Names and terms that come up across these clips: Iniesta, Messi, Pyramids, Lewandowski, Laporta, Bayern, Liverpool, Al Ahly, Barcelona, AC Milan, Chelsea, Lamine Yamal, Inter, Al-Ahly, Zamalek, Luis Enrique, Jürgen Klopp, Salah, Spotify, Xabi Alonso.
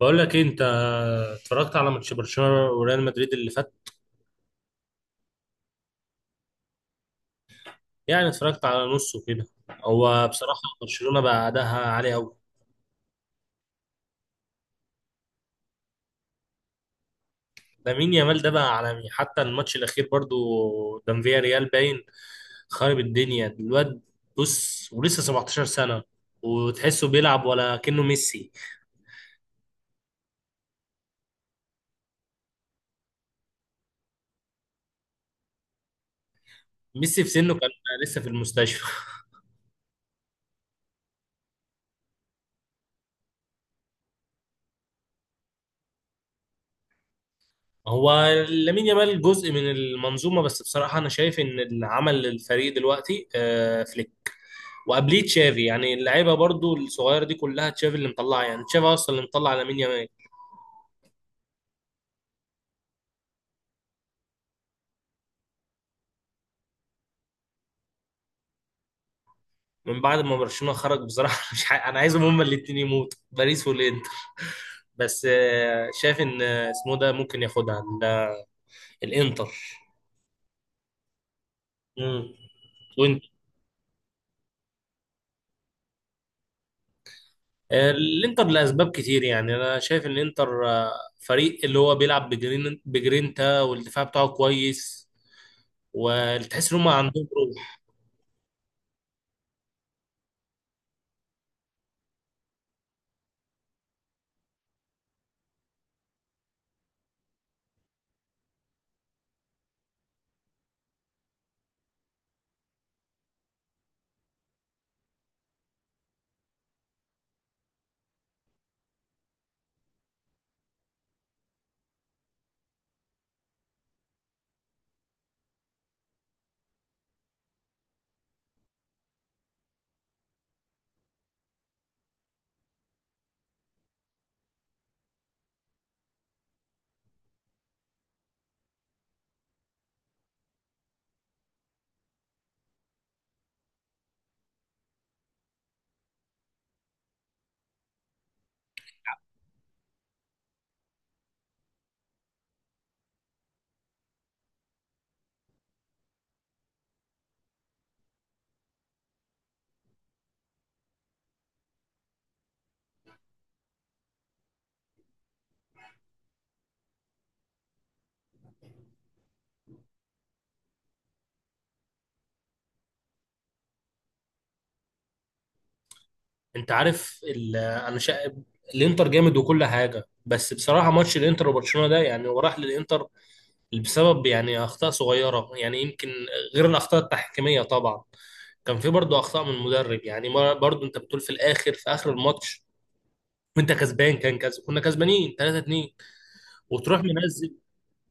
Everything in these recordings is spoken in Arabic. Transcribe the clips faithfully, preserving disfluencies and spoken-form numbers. بقول لك إيه، انت اتفرجت على ماتش برشلونه وريال مدريد اللي فات. يعني اتفرجت على نصه كده. هو بصراحه برشلونه بقى اداها عالي قوي. لامين يامال ده بقى عالمي حتى الماتش الاخير برضو، قدام فيا ريال باين، خارب الدنيا الواد. بص ولسه سبعة عشر سنة سنه، وتحسه بيلعب ولا كأنه ميسي ميسي في سنه كان لسه في المستشفى. هو لامين يامال جزء من المنظومه، بس بصراحه انا شايف ان اللي عمل الفريق دلوقتي آه، فليك، وقبليه تشافي. يعني اللعيبه برضو الصغيره دي كلها تشافي اللي مطلعها، يعني تشافي اصلا اللي مطلع لامين يامال. من بعد ما برشلونه خرج بصراحه مش ح... انا عايزهم هما الاثنين يموتوا، باريس والانتر. بس آه، شايف ان آه، اسمه ده ممكن ياخدها ال- الانتر. مم. وانت؟ آه، الانتر لاسباب كتير، يعني انا شايف ان الانتر آه، فريق اللي هو بيلعب بجرين بجرينتا، والدفاع بتاعه كويس، وتحس ان هم عندهم. انت عارف ال- انا شا... الانتر جامد وكل حاجه، بس بصراحه ماتش الانتر وبرشلونه ده يعني هو راح للانتر بسبب يعني اخطاء صغيره، يعني يمكن غير الاخطاء التحكيميه طبعا. كان في برضه اخطاء من المدرب، يعني ما- برضه انت بتقول في الاخر، في اخر الماتش وانت كسبان، كان كسب كنا كسبانين تلاتة اتنين، وتروح منزل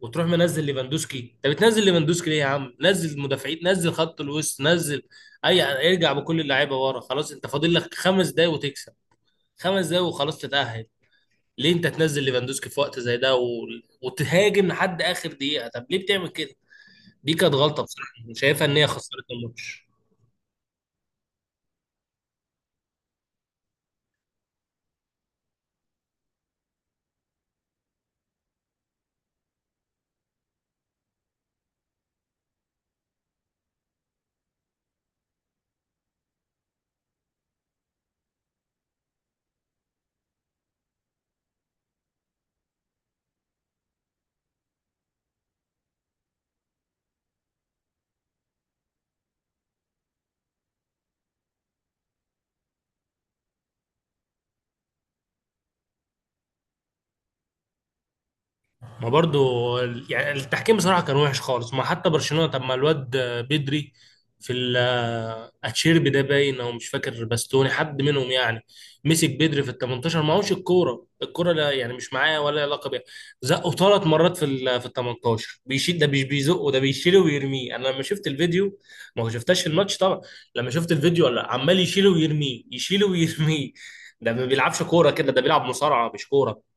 وتروح منزل ليفاندوسكي. انت بتنزل ليفاندوسكي ليه؟ يا عم، نزل المدافعين، نزل خط الوسط، نزل اي، ارجع بكل اللعيبه ورا، خلاص انت فاضل لك خمس دقايق وتكسب، خمس دقايق وخلاص تتأهل. ليه انت تنزل ليفاندوسكي في وقت زي ده و... وتهاجم لحد اخر دقيقه؟ طب ليه بتعمل كده؟ دي كانت غلطه بصراحه، شايفها ان هي خسرت الماتش. ما برضو ال- يعني التحكيم بصراحة كان وحش خالص. ما حتى برشلونة، طب ما الواد بدري في ال- اتشيربي ده باين، او مش فاكر باستوني، حد منهم يعني، مسك بدري في ال التمنتاشر معهوش الكورة. الكورة لا يعني مش معاه ولا ليها علاقة بيها، زقه ثلاث مرات في ال في ال التمنتاشر. بيشيل، ده مش بيزقه، ده بيشيله ويرميه. انا لما شفت الفيديو، ما هو شفتش الماتش طبعا، لما شفت الفيديو لا عمال يشيله ويرميه، يشيله ويرميه. ده ما بيلعبش كورة كده، ده بيلعب مصارعة مش كورة.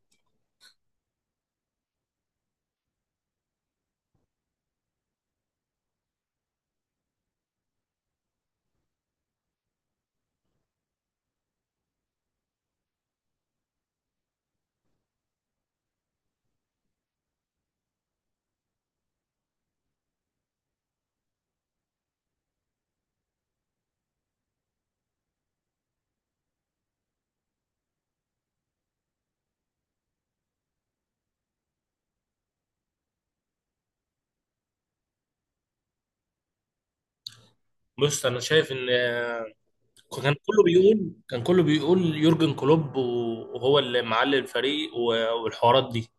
بص انا شايف ان كان كله بيقول كان كله بيقول يورجن كلوب وهو اللي معلي الفريق و- والحوارات دي.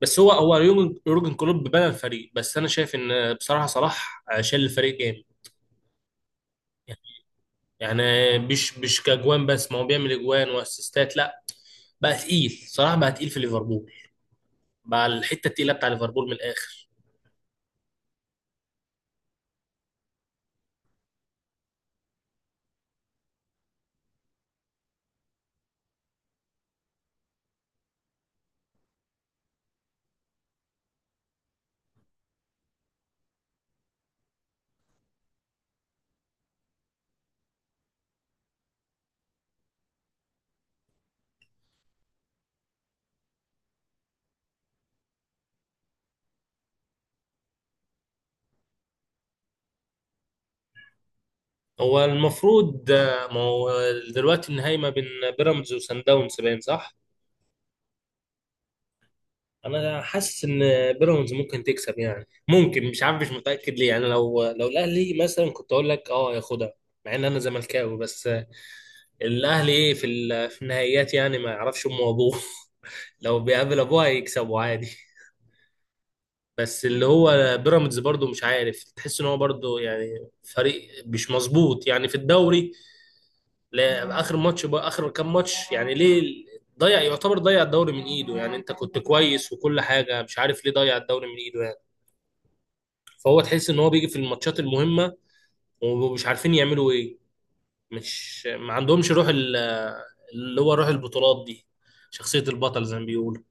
بس هو هو يورجن يورجن كلوب بنى الفريق، بس انا شايف ان بصراحه صلاح شال الفريق جامد. يعني مش مش كاجوان بس، ما هو بيعمل اجوان واسيستات. لا، بقى تقيل، صلاح بقى تقيل في ليفربول، بقى الحته التقيله بتاع ليفربول من الاخر. هو المفروض آه، ما هو دلوقتي النهائي ما بين بيراميدز وسان داونز، باين، صح؟ انا حاسس ان بيراميدز ممكن تكسب، يعني ممكن، مش عارف، مش متاكد ليه يعني. لو لو الاهلي مثلا كنت اقول لك اه ياخدها، مع ان انا زملكاوي. بس الاهلي ايه في ال- في النهائيات يعني، ما يعرفش امه وابوه لو بيقابل ابوه هيكسبوا عادي. بس اللي هو بيراميدز برضو مش عارف، تحس ان هو برضو يعني فريق مش مظبوط يعني في الدوري. لا اخر ماتش، بقى اخر كام ماتش يعني، ليه ضيع، يعتبر ضيع الدوري من ايده يعني. انت كنت كويس وكل حاجه، مش عارف ليه ضيع الدوري من ايده يعني. فهو تحس ان هو بيجي في الماتشات المهمه، ومش عارفين يعملوا ايه. مش ما عندهمش روح ال- اللي هو روح البطولات دي، شخصيه البطل زي ما بيقولوا.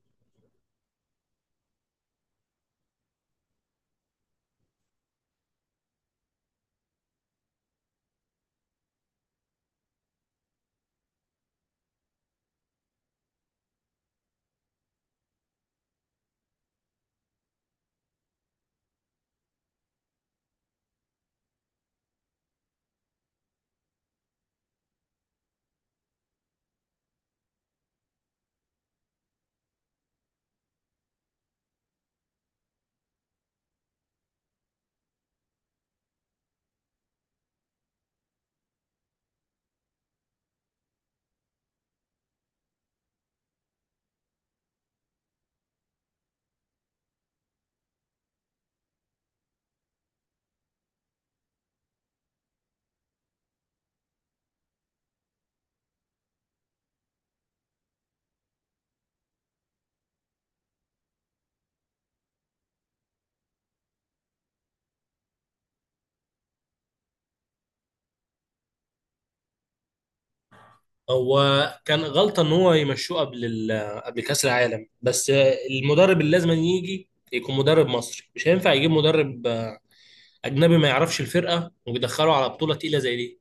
هو كان غلطه ان هو يمشوه قبل ال- قبل كاس العالم بس. المدرب اللي لازم يجي يكون مدرب مصري، مش هينفع يجيب مدرب اجنبي ما يعرفش الفرقه ويدخله على بطوله تقيله زي دي.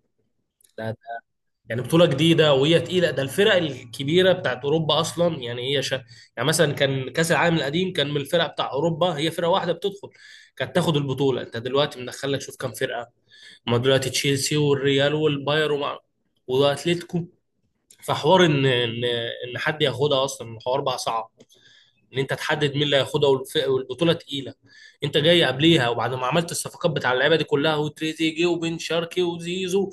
يعني بطولة جديدة وهي تقيلة. ده الفرق الكبيرة بتاعت أوروبا أصلا يعني، هي شا... يعني مثلا كان كأس العالم القديم كان من الفرق بتاع أوروبا هي فرقة واحدة بتدخل كانت تاخد البطولة. أنت دلوقتي مدخلك شوف كام فرقة، ما دلوقتي تشيلسي والريال والبايرن ومع... وأتليتيكو. فحوار إن إن إن حد ياخدها أصلا، الحوار بقى صعب ان انت تحدد مين اللي هياخدها، والف- والبطوله تقيله. انت جاي قبليها وبعد ما عملت الصفقات بتاع اللعيبه دي كلها، وتريزيجيه وبن شرقي وزيزو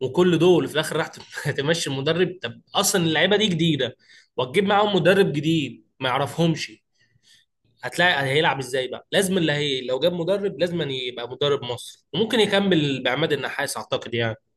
وكل دول، في الاخر راح تم- تمشي المدرب. طب اصلا اللعيبه دي جديده وتجيب معاهم مدرب جديد ما يعرفهمش، هتلاقي هيلعب ازاي؟ بقى لازم اللي هي لو جاب مدرب لازم أن يبقى مدرب مصر، وممكن يكمل بعماد النحاس اعتقد يعني.